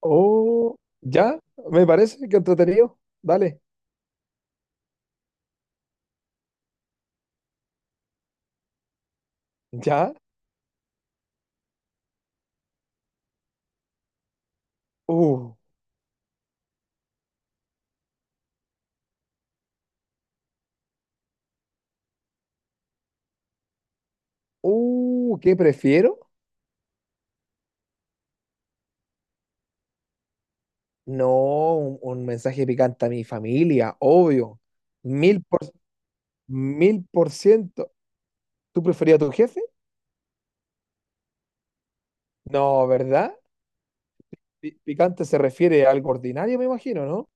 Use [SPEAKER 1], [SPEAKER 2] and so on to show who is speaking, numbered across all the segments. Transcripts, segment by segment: [SPEAKER 1] Oh, ya, me parece que entretenido. Dale, ya. Uh, ¿Qué prefiero? No, un mensaje picante a mi familia, obvio. Mil por, mil por ciento. ¿Tú preferías a tu jefe? No, ¿verdad? Pi- Picante se refiere a algo ordinario, me imagino, ¿no?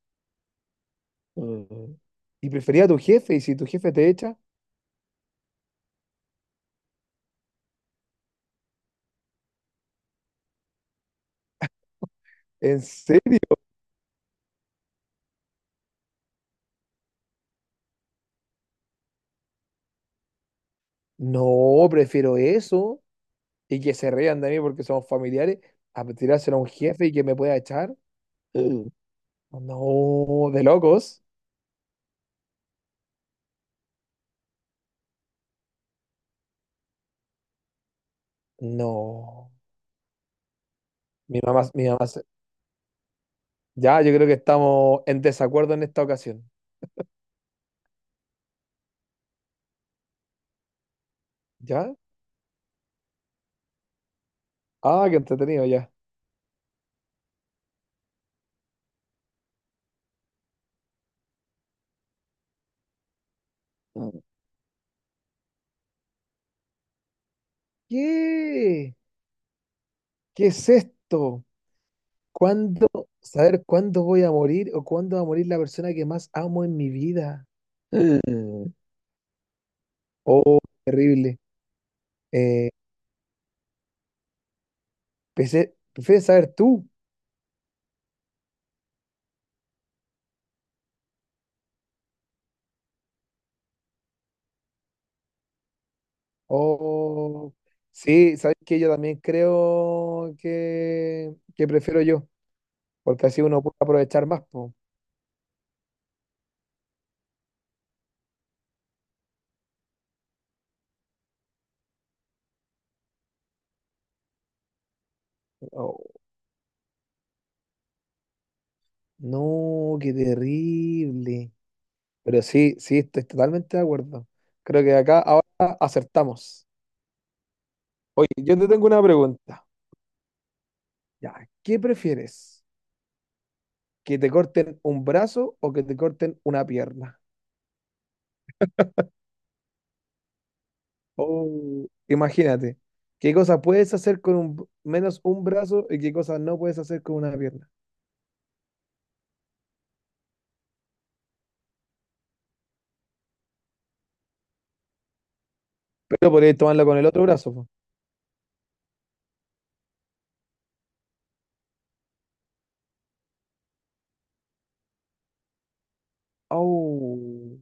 [SPEAKER 1] Mm. ¿Y prefería a tu jefe? ¿Y si tu jefe te echa? ¿En serio? No, prefiero eso y que se rían de mí porque somos familiares a tirárselo a un jefe y que me pueda echar. No, de locos. No. Mi mamá, se- Ya, yo creo que estamos en desacuerdo en esta ocasión. ¿Ya? Ah, qué entretenido, ya. ¿Qué? ¿Qué es esto? ¿Cuándo? ¿Saber cuándo voy a morir o cuándo va a morir la persona que más amo en mi vida? Mm. Oh, terrible. Eh, pensé- ¿prefieres saber tú? Oh, sí, sabes que yo también creo que prefiero yo. Porque así uno puede aprovechar más, po. Oh, no, qué terrible. Pero sí, sí, estoy totalmente de acuerdo. Creo que acá ahora acertamos. Oye, yo te tengo una pregunta. Ya, ¿qué prefieres? ¿Que te corten un brazo o que te corten una pierna? Oh, imagínate, ¿qué cosas puedes hacer con un, menos un brazo y qué cosas no puedes hacer con una pierna? Pero podrías tomarlo con el otro brazo, po. Oh,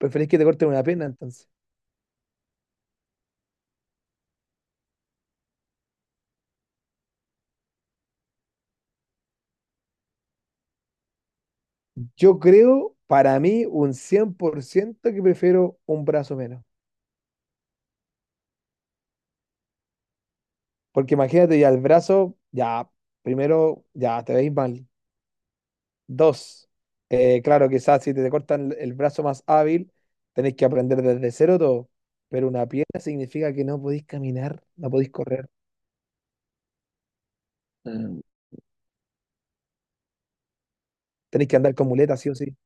[SPEAKER 1] ¿preferís que te corten una pierna entonces? Yo creo, para mí, un 100% que prefiero un brazo menos. Porque imagínate, ya el brazo, ya, primero, ya te veis mal. Dos, claro, quizás si te cortan el brazo más hábil, tenéis que aprender desde cero todo. Pero una pierna significa que no podéis caminar, no podéis correr. Mm, tenéis que andar con muletas, sí o sí.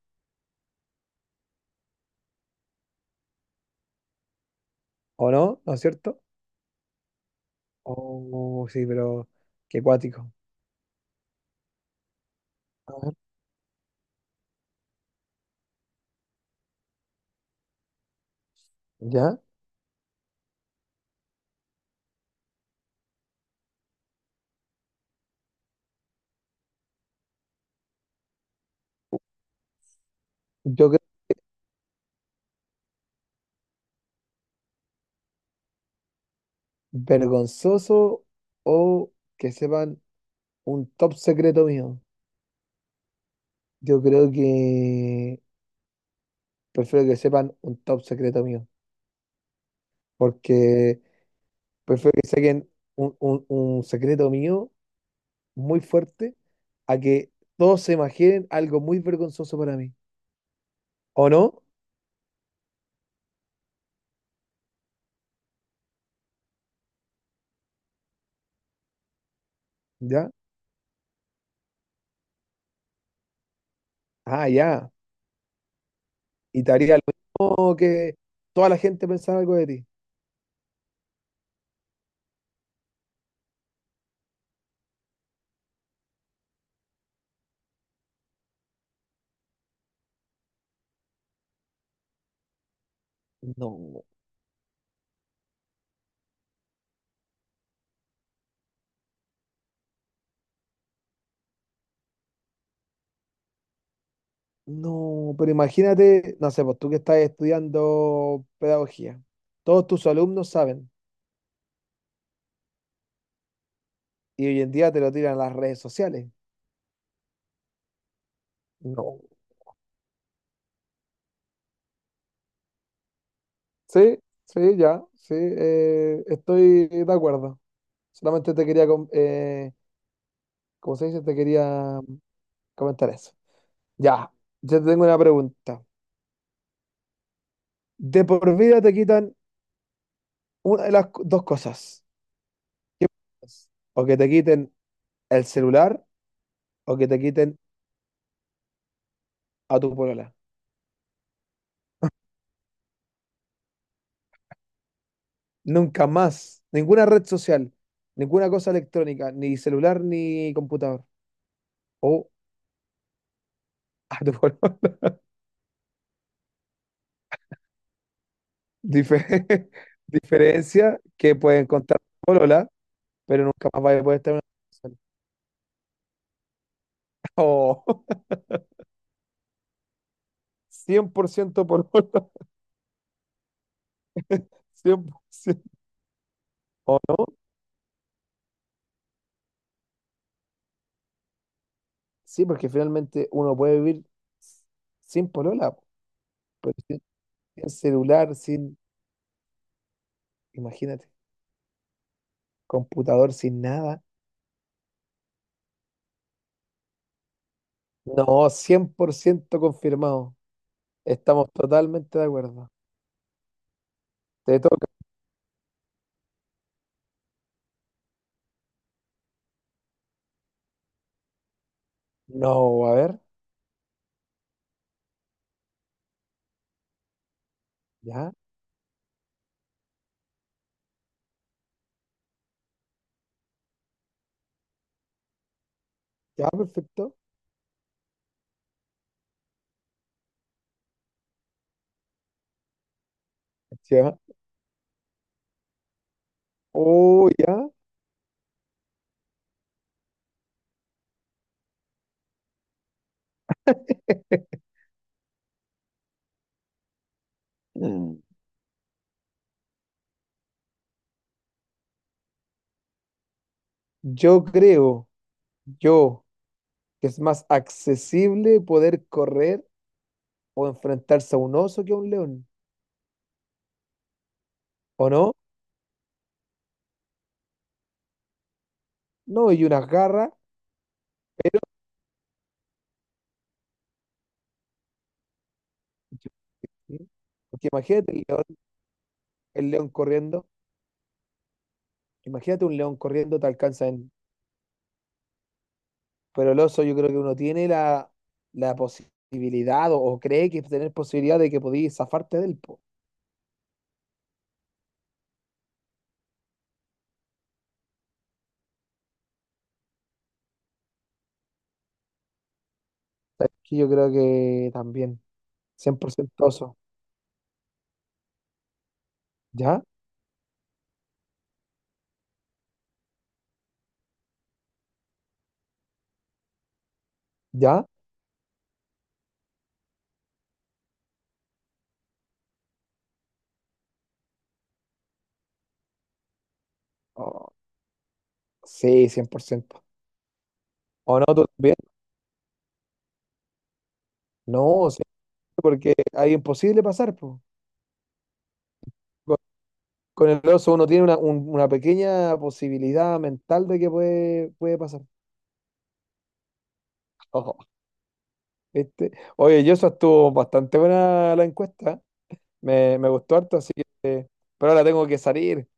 [SPEAKER 1] ¿O no? ¿No es cierto? Oh, sí, pero qué cuático. A ver, ¿ya? Yo creo vergonzoso o que sepan un top secreto mío. Yo creo que prefiero que sepan un top secreto mío, porque prefiero que saquen un secreto mío muy fuerte a que todos se imaginen algo muy vergonzoso para mí. ¿O no? ¿Ya? Ah, ya. Y te haría lo mismo que toda la gente pensara algo de ti. No, no, pero imagínate, no sé, pues tú que estás estudiando pedagogía, todos tus alumnos saben y hoy en día te lo tiran a las redes sociales. No. Sí, sí, ya, sí, estoy de acuerdo. Solamente te quería, com- como se dice, te quería comentar eso. Ya, yo te tengo una pregunta. De por vida te quitan una de las co- dos cosas. ¿Qué prefieres? ¿O que te quiten el celular o que te quiten a tu polola? Nunca más, ninguna red social, ninguna cosa electrónica, ni celular ni computador. O a tu polola. Dife- diferencia que pueden contar. Polola, pero nunca más vaya a poder estar en una relación. Oh, 100% por ciento por hora, 100%. ¿O no? Sí, porque finalmente uno puede vivir sin polola, po, pero sin, sin celular, sin, imagínate, computador, sin nada. No, 100% confirmado. Estamos totalmente de acuerdo. Te toca. No, a ver, ya, ya, perfecto. Ya. Oh, ya. Yo creo, yo que es más accesible poder correr o enfrentarse a un oso que a un león, ¿o no? No, y unas garras. Yo- ¿sí? Porque imagínate el león corriendo, imagínate un león corriendo te alcanza en... Pero el oso yo creo que uno tiene la, la posibilidad o cree que tener posibilidad de que podías zafarte del po. ¿Sabes qué? Yo creo que también, cien por ciento oso, ¿ya? ¿Ya? Oh, sí, cien por ciento. ¿O no tú también? No, sí, porque hay imposible pasar, po. Con el oso uno tiene una, un- una pequeña posibilidad mental de que puede pasar. Ojo, ¿viste? Oye, yo eso estuvo bastante buena la encuesta. Me gustó harto, así que... Pero ahora tengo que salir.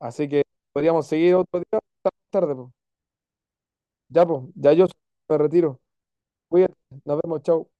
[SPEAKER 1] Así que podríamos seguir otro día más tarde. Po. Yo me retiro. Cuídate, nos vemos, chao.